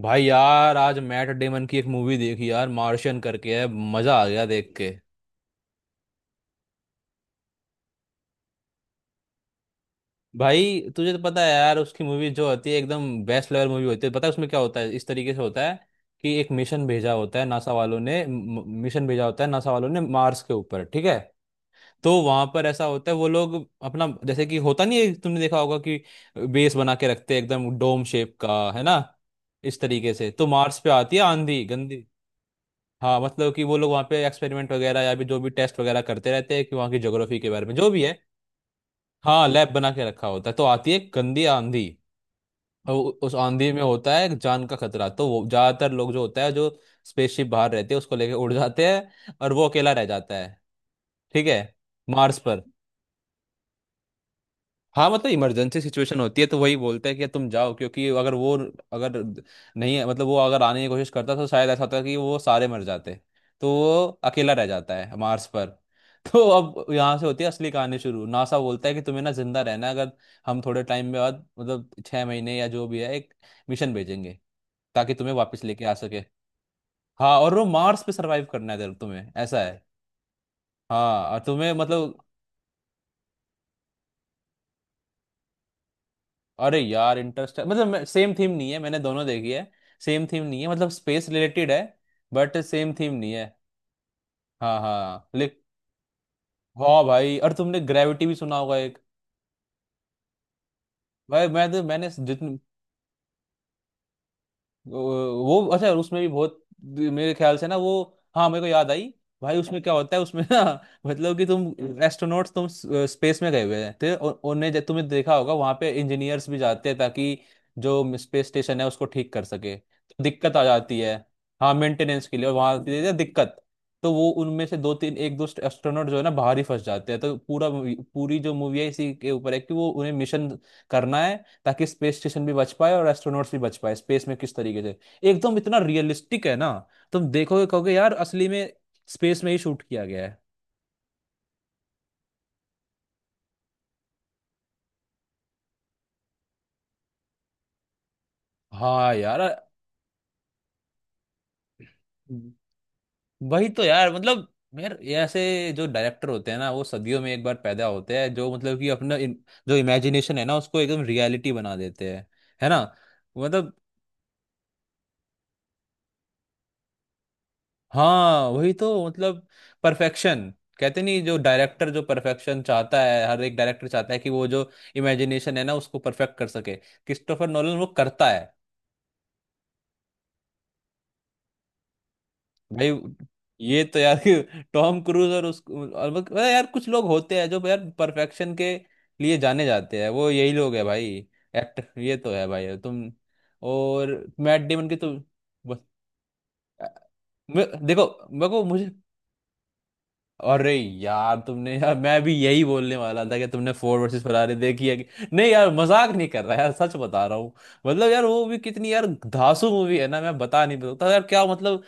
भाई यार, आज मैट डेमन की एक मूवी देखी यार, मार्शियन करके है। मजा आ गया देख के। भाई तुझे तो पता है यार, उसकी मूवी जो होती है एकदम बेस्ट लेवल मूवी होती है। पता है उसमें क्या होता है? इस तरीके से होता है कि एक मिशन भेजा होता है नासा वालों ने, म- मिशन भेजा होता है नासा वालों ने मार्स के ऊपर। ठीक है। तो वहां पर ऐसा होता है, वो लोग अपना जैसे कि होता नहीं है? तुमने देखा होगा कि बेस बना के रखते हैं एकदम डोम शेप का, है ना। इस तरीके से। तो मार्स पे आती है आंधी गंदी। हाँ, मतलब कि वो लोग वहाँ पे एक्सपेरिमेंट वगैरह या भी जो भी टेस्ट वगैरह करते रहते हैं कि वहाँ की ज्योग्राफी के बारे में जो भी है। हाँ, लैब बना के रखा होता है, तो आती है गंदी आंधी। और उस आंधी में होता है जान का खतरा। तो वो ज्यादातर लोग जो होता है, जो स्पेसशिप बाहर रहते हैं उसको लेके उड़ जाते हैं, और वो अकेला रह जाता है। ठीक है। मार्स पर। हाँ, मतलब इमरजेंसी सिचुएशन होती है, तो वही बोलते हैं कि तुम जाओ। क्योंकि अगर वो, अगर, नहीं मतलब वो अगर आने की कोशिश करता तो शायद ऐसा होता कि वो सारे मर जाते। तो वो अकेला रह जाता है मार्स पर। तो अब यहाँ से होती है असली कहानी शुरू। नासा बोलता है कि तुम्हें ना जिंदा रहना है, अगर हम थोड़े टाइम में बाद, मतलब 6 महीने या जो भी है, एक मिशन भेजेंगे ताकि तुम्हें वापस लेके आ सके। हाँ, और वो मार्स पे सरवाइव करना है तुम्हें, ऐसा है। हाँ, और तुम्हें मतलब। अरे यार, इंटरेस्ट मतलब सेम थीम नहीं है, मैंने दोनों देखी है। सेम थीम नहीं है, मतलब स्पेस रिलेटेड है। बट सेम थीम नहीं है। हाँ हाँ, ले। हाँ भाई, और तुमने ग्रेविटी भी सुना होगा, एक। भाई मैं तो, मैंने जितनी। अच्छा, उसमें भी बहुत, मेरे ख्याल से ना, वो। हाँ, मेरे को याद आई। भाई उसमें क्या होता है, उसमें ना मतलब कि तुम, एस्ट्रोनॉट्स, तुम स्पेस में गए हुए हैं, तो उन्हें, जब तुम्हें देखा होगा, वहां पे इंजीनियर्स भी जाते हैं ताकि जो स्पेस स्टेशन है उसको ठीक कर सके। तो दिक्कत आ जाती है। हाँ, मेंटेनेंस के लिए, और वहां दे दे दिक्कत। तो वो उनमें से दो तीन, एक दो एस्ट्रोनॉट जो है ना, बाहर ही फंस जाते हैं। तो पूरी जो मूवी है इसी के ऊपर है कि वो उन्हें मिशन करना है, ताकि स्पेस स्टेशन भी बच पाए और एस्ट्रोनॉट्स भी बच पाए स्पेस में, किस तरीके से। एकदम इतना रियलिस्टिक है ना, तुम देखोगे कहोगे यार, असली में स्पेस में ही शूट किया गया है। हाँ यार, वही तो यार, मतलब। यार ये ऐसे जो डायरेक्टर होते हैं ना, वो सदियों में एक बार पैदा होते हैं, जो मतलब कि अपना जो इमेजिनेशन है ना, उसको एकदम रियलिटी बना देते हैं, है ना, मतलब। हाँ वही तो मतलब, परफेक्शन। कहते नहीं? जो डायरेक्टर जो परफेक्शन चाहता है, हर एक डायरेक्टर चाहता है कि वो जो इमेजिनेशन है ना उसको परफेक्ट कर सके। क्रिस्टोफर नोलन वो करता है। भाई, ये तो यार। टॉम क्रूज और अरे यार, कुछ लोग होते हैं जो यार परफेक्शन के लिए जाने जाते हैं, वो यही लोग है भाई। एक्टर ये तो है भाई, तुम। और मैट डेमन की तो, बस- देखो, मेरे को, मुझे। अरे यार, तुमने यार, मैं भी यही बोलने वाला था कि तुमने फोर्ड वर्सेस फरारी देखी है कि नहीं। यार मजाक नहीं कर रहा यार, सच बता रहा हूँ। मतलब यार, वो भी कितनी यार धांसू मूवी है ना, मैं बता नहीं सकता यार, क्या मतलब।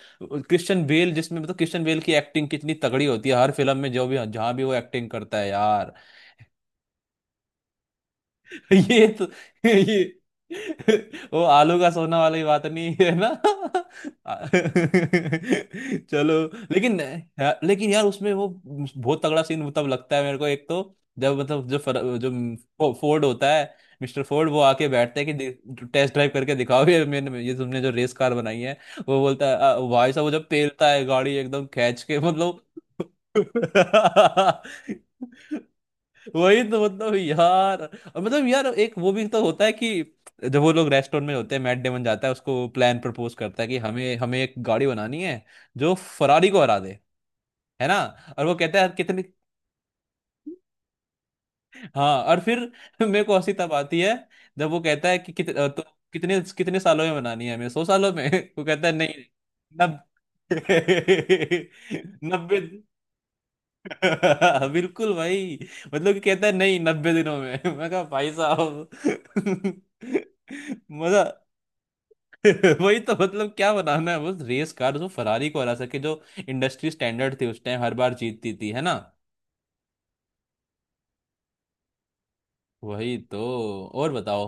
क्रिश्चियन बेल जिसमें, मतलब क्रिश्चियन बेल की एक्टिंग कितनी तगड़ी होती है हर फिल्म में, जो भी जहाँ भी वो एक्टिंग करता है यार। ये तो, ये वो आलू का सोना वाली बात नहीं है ना। चलो, लेकिन लेकिन यार उसमें वो बहुत तगड़ा सीन तब लगता है मेरे को, एक तो जब मतलब जो फोर्ड होता है, मिस्टर फोर्ड वो आके बैठते हैं कि टेस्ट ड्राइव करके दिखाओ ये, मैंने ये तुमने जो रेस कार बनाई है। वो बोलता है, "आ, भाई साहब वो जब पेलता है गाड़ी एकदम खींच के, मतलब।" वही तो मतलब यार, और मतलब यार, एक वो भी तो होता है कि जब वो लोग रेस्टोरेंट में होते हैं, मैट डेमन जाता है, उसको प्लान प्रपोज करता है कि हमें हमें एक गाड़ी बनानी है जो फरारी को हरा दे, है ना। और वो कहता है कितनी। हाँ, और फिर मेरे को हंसी तब आती है जब वो कहता है कि कितने कितने सालों में बनानी है? हमें 100 सालों में? वो कहता है नहीं, नब 90। बिल्कुल भाई, मतलब कि कहता है नहीं, 90 दिनों में। मैं कहा भाई साहब, मजा। वही तो मतलब, क्या बनाना है बस, रेस कार जो फरारी को हरा सके, जो इंडस्ट्री स्टैंडर्ड थी उस टाइम, हर बार जीतती थी, है ना। वही तो। और बताओ।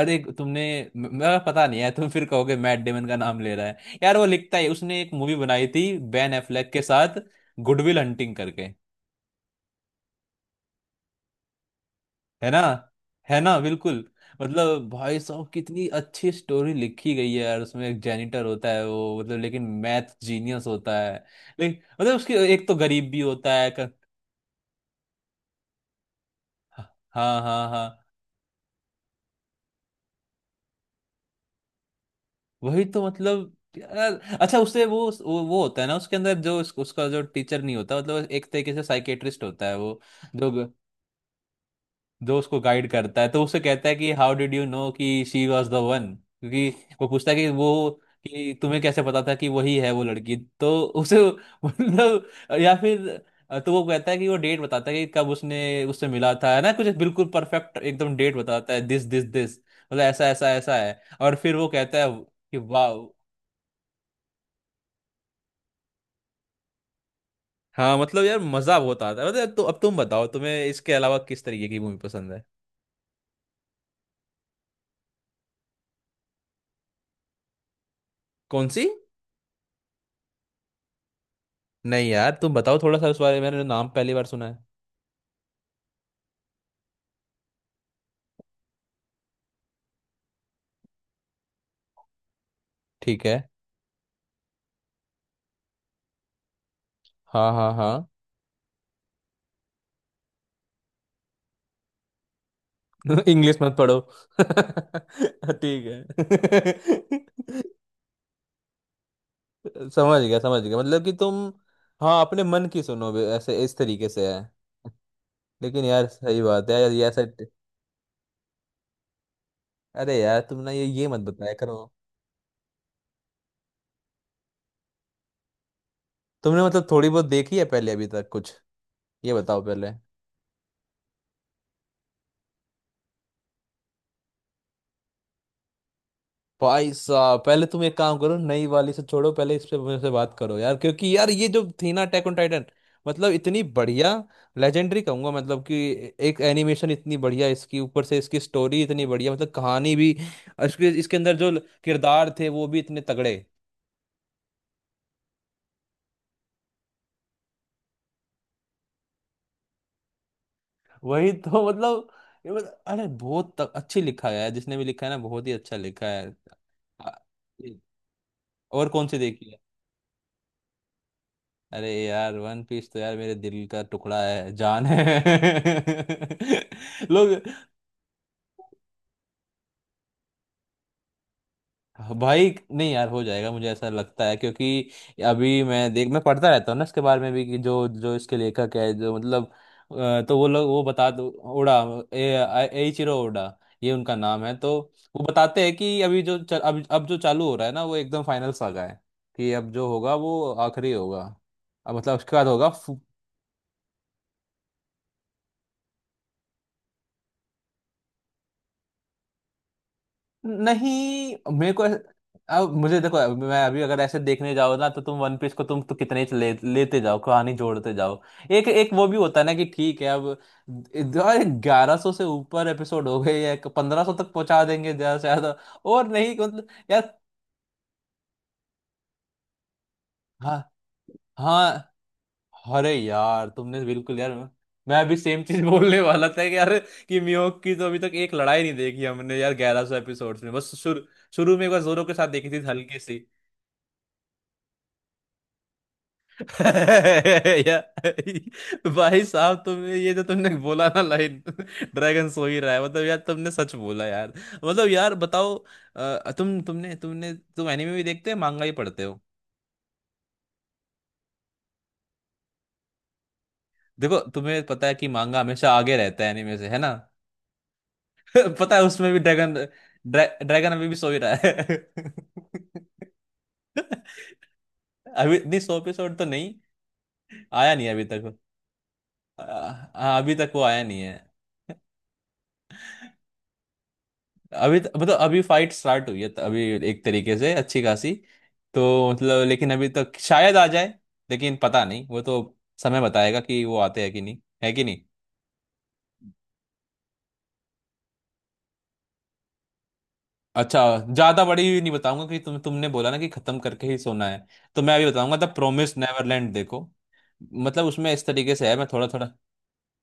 अरे तुमने, मेरा पता नहीं है, तुम फिर कहोगे मैट डेमन का नाम ले रहा है यार, वो लिखता है, उसने एक मूवी बनाई थी बेन एफ्लेक के साथ, गुडविल हंटिंग करके। है ना, है ना, बिल्कुल। मतलब भाई साहब, कितनी अच्छी स्टोरी लिखी गई है यार। उसमें एक जेनिटर होता है वो, मतलब लेकिन मैथ जीनियस होता है। लेकिन मतलब उसकी एक तो, गरीब भी होता है, हाँ हाँ हाँ। वही तो मतलब यार। अच्छा उससे वो, वो होता है ना उसके अंदर जो, उसका जो टीचर नहीं होता, मतलब एक तरीके से साइकेट्रिस्ट होता है वो, जो जो उसको गाइड करता है। तो उससे कहता है कि, "हाउ डिड यू नो कि शी वॉज द वन?" क्योंकि वो पूछता है कि वो, कि तुम्हें कैसे पता था कि वही है वो लड़की, तो उसे मतलब, या फिर, तो वो कहता है कि वो डेट बताता है कि कब उसने उससे मिला था, है ना, कुछ बिल्कुल परफेक्ट एकदम डेट बताता है, दिस दिस दिस, मतलब ऐसा ऐसा ऐसा है, और फिर वो कहता है कि वाह। हाँ मतलब यार, मजा बहुत आता है मतलब। तो अब तुम बताओ, तुम्हें इसके अलावा किस तरीके की मूवी पसंद है? कौन सी? नहीं यार, तुम बताओ थोड़ा सा उस बारे में, मैंने नाम पहली बार सुना है। ठीक है। हाँ हाँ हाँ। इंग्लिश मत पढ़ो। ठीक है। समझ गया समझ गया, मतलब कि तुम। हाँ, अपने मन की सुनो, ऐसे, इस तरीके से है। लेकिन यार सही बात है यार, ये ऐसा। अरे यार तुम ना, ये मत बताया करो। तुमने मतलब थोड़ी बहुत देखी है पहले, अभी तक कुछ? ये बताओ पहले। भाई साहब, पहले तुम एक काम करो, नई वाली से छोड़ो, पहले इस पे मेरे से बात करो यार। क्योंकि यार, ये जो थी ना अटैक ऑन टाइटन, मतलब इतनी बढ़िया, लेजेंडरी कहूंगा, मतलब कि एक एनिमेशन इतनी बढ़िया इसकी, ऊपर से इसकी स्टोरी इतनी बढ़िया, मतलब कहानी भी, इसके इसके अंदर जो किरदार थे वो भी इतने तगड़े। वही तो मतलब, अरे बहुत अच्छी लिखा है यार, जिसने भी लिखा है ना, बहुत ही अच्छा लिखा है। आ- और कौन सी देखी है? अरे यार, वन पीस तो यार मेरे दिल का टुकड़ा है, जान है। लोग। भाई नहीं यार, हो जाएगा, मुझे ऐसा लगता है क्योंकि अभी मैं पढ़ता रहता हूँ ना इसके बारे में भी, कि जो जो इसके लेखक है, जो मतलब, तो वो लोग वो, बता दो, ओडा। ए एइचिरो ओडा, ये उनका नाम है। तो वो बताते हैं कि अब जो चालू हो रहा है ना, वो एकदम फाइनल सागा है, कि अब जो होगा वो आखिरी होगा। अब मतलब उसके बाद होगा। नहीं मेरे को अब मुझे देखो, अब मैं अभी अगर ऐसे देखने जाओ ना, तो तुम वन पीस को, तुम तो कितने ही लेते जाओ, कहानी जोड़ते जाओ। एक एक वो भी होता है ना, कि ठीक है, अब 1100 से ऊपर एपिसोड हो गए, या 1500 तक पहुंचा देंगे ज्यादा से ज्यादा। और नहीं, मतलब यार। हाँ हाँ। अरे यार, तुमने बिल्कुल यार, मैं अभी सेम चीज बोलने वाला था कि यार, कि मियोक की तो अभी तक एक लड़ाई नहीं देखी हमने यार, 1100 एपिसोड्स में, बस शुरू, शुरू में एक बार जोरो के साथ देखी थी हल्की सी। या, भाई साहब, तुमने ये जो तुमने बोला ना लाइन, ड्रैगन सो ही रहा है, मतलब यार तुमने सच बोला यार। मतलब यार बताओ। तुम तुमने तुमने तुम एनीमे भी देखते हो, मांगा ही पढ़ते हो? देखो, तुम्हें पता है कि मांगा हमेशा आगे रहता है एनीमे से, है ना। पता है, उसमें भी ड्रैगन, ड्रैगन अभी भी सो ही रहा है। अभी नहीं, 100 एपिसोड तो नहीं आया नहीं अभी तक। आ, आ, अभी तक वो आया नहीं है। अभी मतलब अभी फाइट स्टार्ट हुई है अभी, एक तरीके से अच्छी खासी। तो मतलब, लेकिन अभी तक शायद आ जाए। लेकिन पता नहीं, वो तो समय बताएगा कि वो आते हैं कि नहीं, है कि नहीं। अच्छा, ज्यादा बड़ी भी नहीं बताऊंगा कि तुम, तुमने बोला ना कि खत्म करके ही सोना है। तो मैं अभी बताऊंगा, द प्रोमिस नेवरलैंड देखो। मतलब उसमें इस तरीके से है, मैं थोड़ा थोड़ा।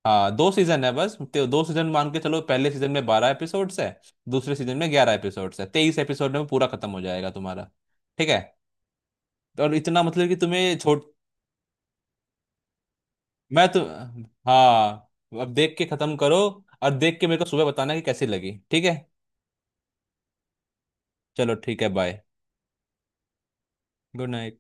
हाँ, दो सीजन है बस, तो दो सीजन मान के चलो। पहले सीजन में 12 एपिसोड्स है, दूसरे सीजन में 11 एपिसोड्स है। 23 एपिसोड में पूरा खत्म हो जाएगा तुम्हारा। ठीक है। और इतना मतलब कि तुम्हें छोट मैं तो, हाँ, अब देख के खत्म करो। और देख के मेरे को सुबह बताना कि कैसी लगी, ठीक है। चलो ठीक है, बाय, गुड नाइट।